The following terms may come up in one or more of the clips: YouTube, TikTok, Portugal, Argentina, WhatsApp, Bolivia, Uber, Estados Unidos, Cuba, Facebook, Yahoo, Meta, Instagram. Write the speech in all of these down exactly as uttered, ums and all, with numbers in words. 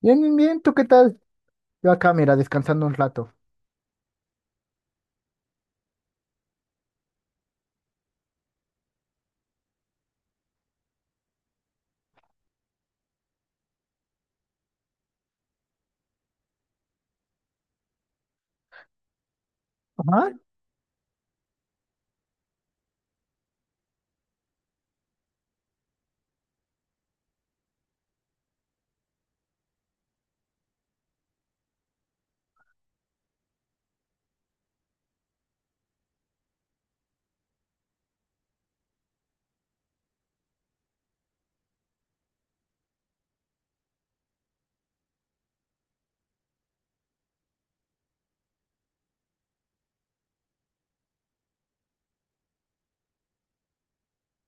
Bien, bien, bien, ¿tú qué tal? Yo acá, mira, descansando un rato. Ajá.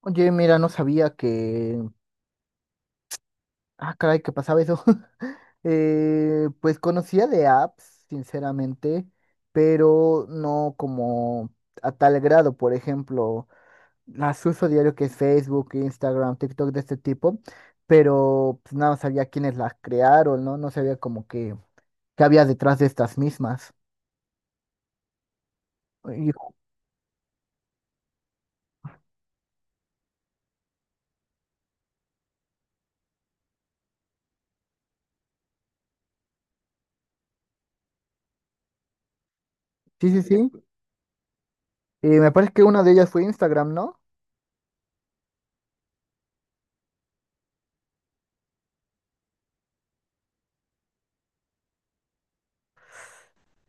Oye, mira, no sabía que... Ah, caray, que pasaba eso. Eh, pues conocía de apps, sinceramente, pero no como a tal grado. Por ejemplo, las uso diario que es Facebook, Instagram, TikTok de este tipo, pero pues, nada, sabía quiénes las crearon, ¿no? No sabía como que qué había detrás de estas mismas. Y- sí, sí, sí. Eh, me parece que una de ellas fue Instagram, ¿no?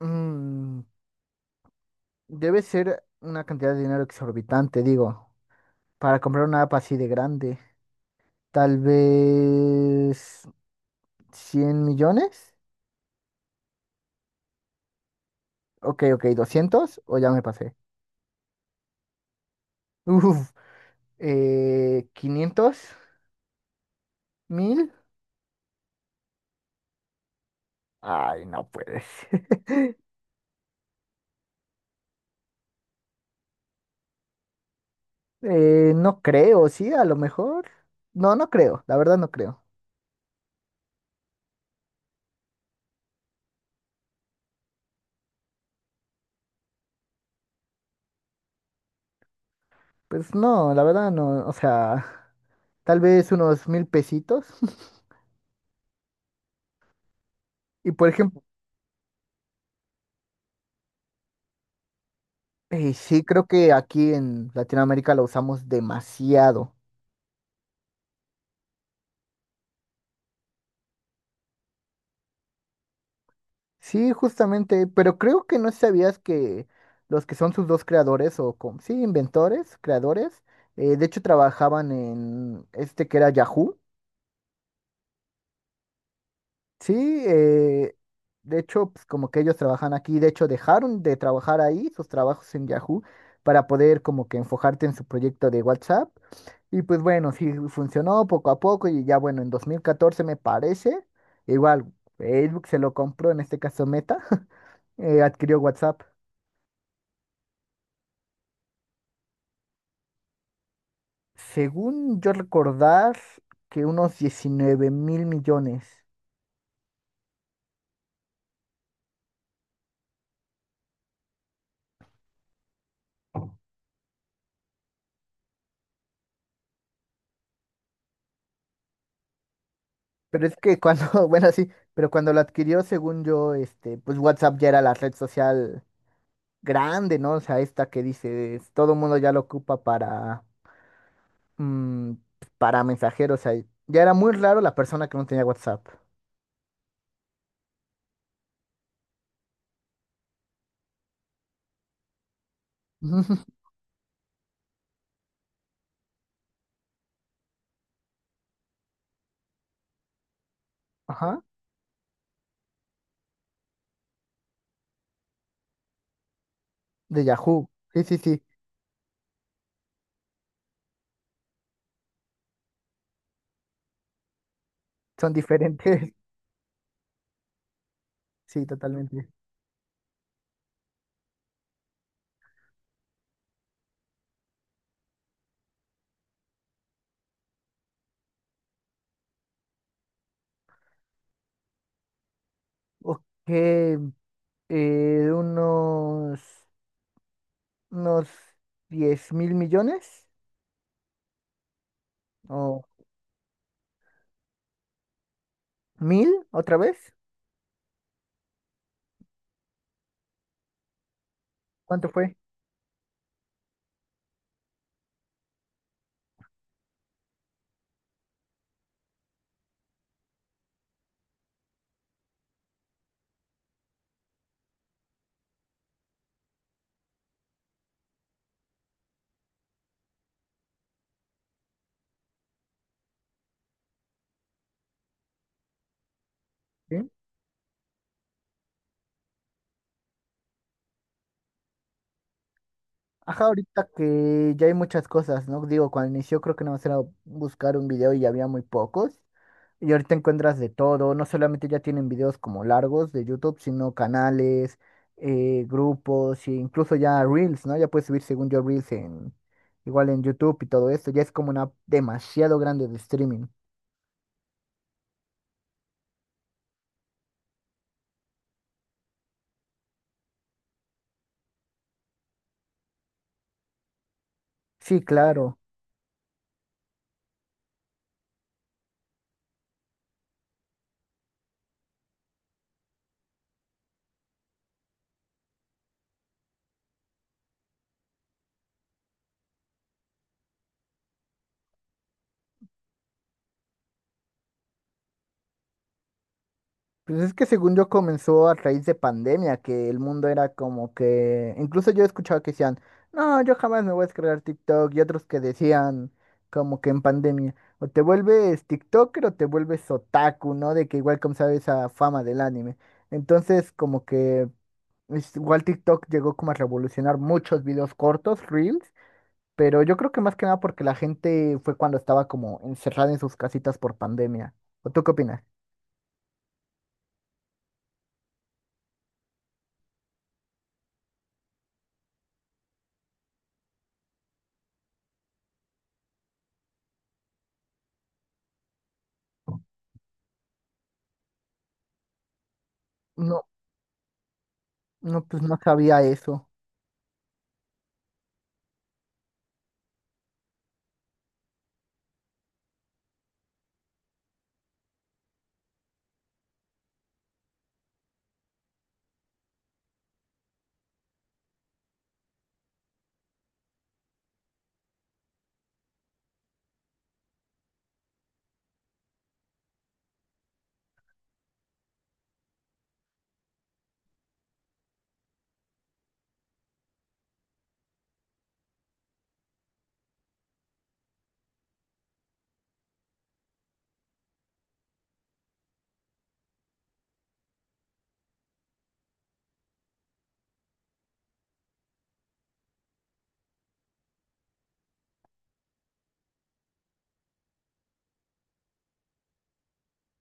Mm, debe ser una cantidad de dinero exorbitante, digo, para comprar una app así de grande. Tal vez cien millones. Ok, ok, doscientos o ya me pasé. Uf, eh, quinientos, mil. Ay, no puedes. Eh, no creo, sí, a lo mejor. No, no creo, la verdad no creo. Pues no, la verdad no, o sea, tal vez unos mil pesitos. Y por ejemplo, y sí, creo que aquí en Latinoamérica lo usamos demasiado. Sí, justamente, pero creo que no sabías que los que son sus dos creadores o com- sí, inventores, creadores, eh, de hecho trabajaban en este que era Yahoo. Sí, eh, de hecho, pues como que ellos trabajan aquí, de hecho dejaron de trabajar ahí sus trabajos en Yahoo para poder como que enfocarte en su proyecto de WhatsApp. Y pues bueno, sí funcionó poco a poco y ya bueno, en dos mil catorce me parece, igual Facebook se lo compró, en este caso Meta, eh, adquirió WhatsApp. Según yo recordar, que unos diecinueve mil millones. Pero es que cuando, bueno, sí, pero cuando lo adquirió, según yo, este, pues WhatsApp ya era la red social grande, ¿no? O sea, esta que dices, todo el mundo ya lo ocupa para, mm, para mensajeros, o sea, ya era muy raro la persona que no tenía WhatsApp. Ajá. De Yahoo. Sí, sí, sí. Son diferentes. Sí, totalmente. Ok, eh, unos, unos diez mil millones. ¿O mil otra vez? ¿Cuánto fue? Sí. Ajá, ahorita que ya hay muchas cosas, ¿no? Digo, cuando inició creo que nada más era buscar un video y ya había muy pocos. Y ahorita encuentras de todo, no solamente ya tienen videos como largos de YouTube, sino canales, eh, grupos, e incluso ya Reels, ¿no? Ya puedes subir según yo Reels en, igual en YouTube y todo esto, ya es como una app demasiado grande de streaming. Sí, claro. Pues es que según yo comenzó a raíz de pandemia, que el mundo era como que, incluso yo escuchaba que decían, no, yo jamás me voy a descargar TikTok, y otros que decían como que en pandemia, o te vuelves TikToker o te vuelves otaku, ¿no? De que igual como sabes esa fama del anime. Entonces como que es- igual TikTok llegó como a revolucionar muchos videos cortos, reels, pero yo creo que más que nada porque la gente fue cuando estaba como encerrada en sus casitas por pandemia. ¿O tú qué opinas? No, pues no sabía eso.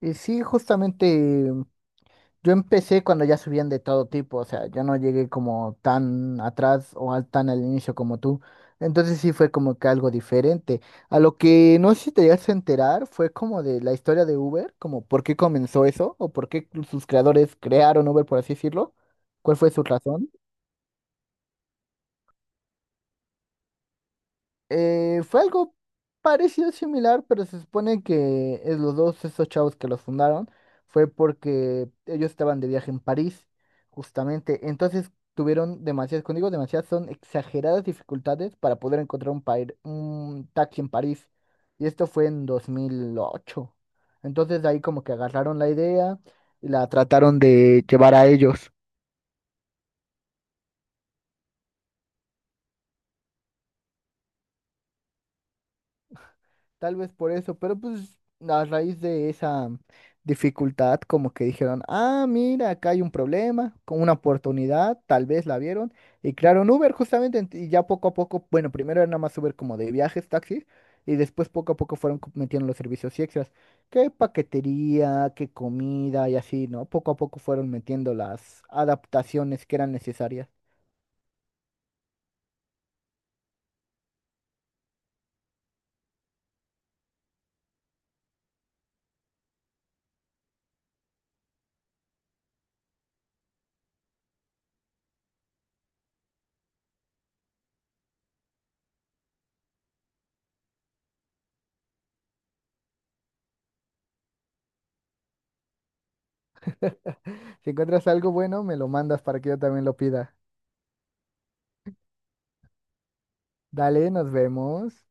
Y sí, justamente yo empecé cuando ya subían de todo tipo, o sea, yo no llegué como tan atrás o al- tan al inicio como tú. Entonces sí fue como que algo diferente. A lo que no sé si te llegaste a enterar fue como de la historia de Uber, como por qué comenzó eso o por qué sus creadores crearon Uber, por así decirlo. ¿Cuál fue su razón? Eh, fue algo parecido, similar, pero se supone que eh, los dos, esos chavos que los fundaron, fue porque ellos estaban de viaje en París, justamente. Entonces tuvieron demasiadas, cuando digo demasiadas, son exageradas dificultades para poder encontrar un, pair- un taxi en París. Y esto fue en dos mil ocho. Entonces de ahí como que agarraron la idea y la trataron de llevar a ellos. Tal vez por eso, pero pues a raíz de esa dificultad, como que dijeron, ah, mira, acá hay un problema, con una oportunidad, tal vez la vieron, y crearon Uber justamente, ent- y ya poco a poco, bueno, primero era nada más Uber como de viajes, taxis, y después poco a poco fueron co- metiendo los servicios extras, que paquetería, que comida y así, ¿no? Poco a poco fueron metiendo las adaptaciones que eran necesarias. Si encuentras algo bueno, me lo mandas para que yo también lo pida. Dale, nos vemos.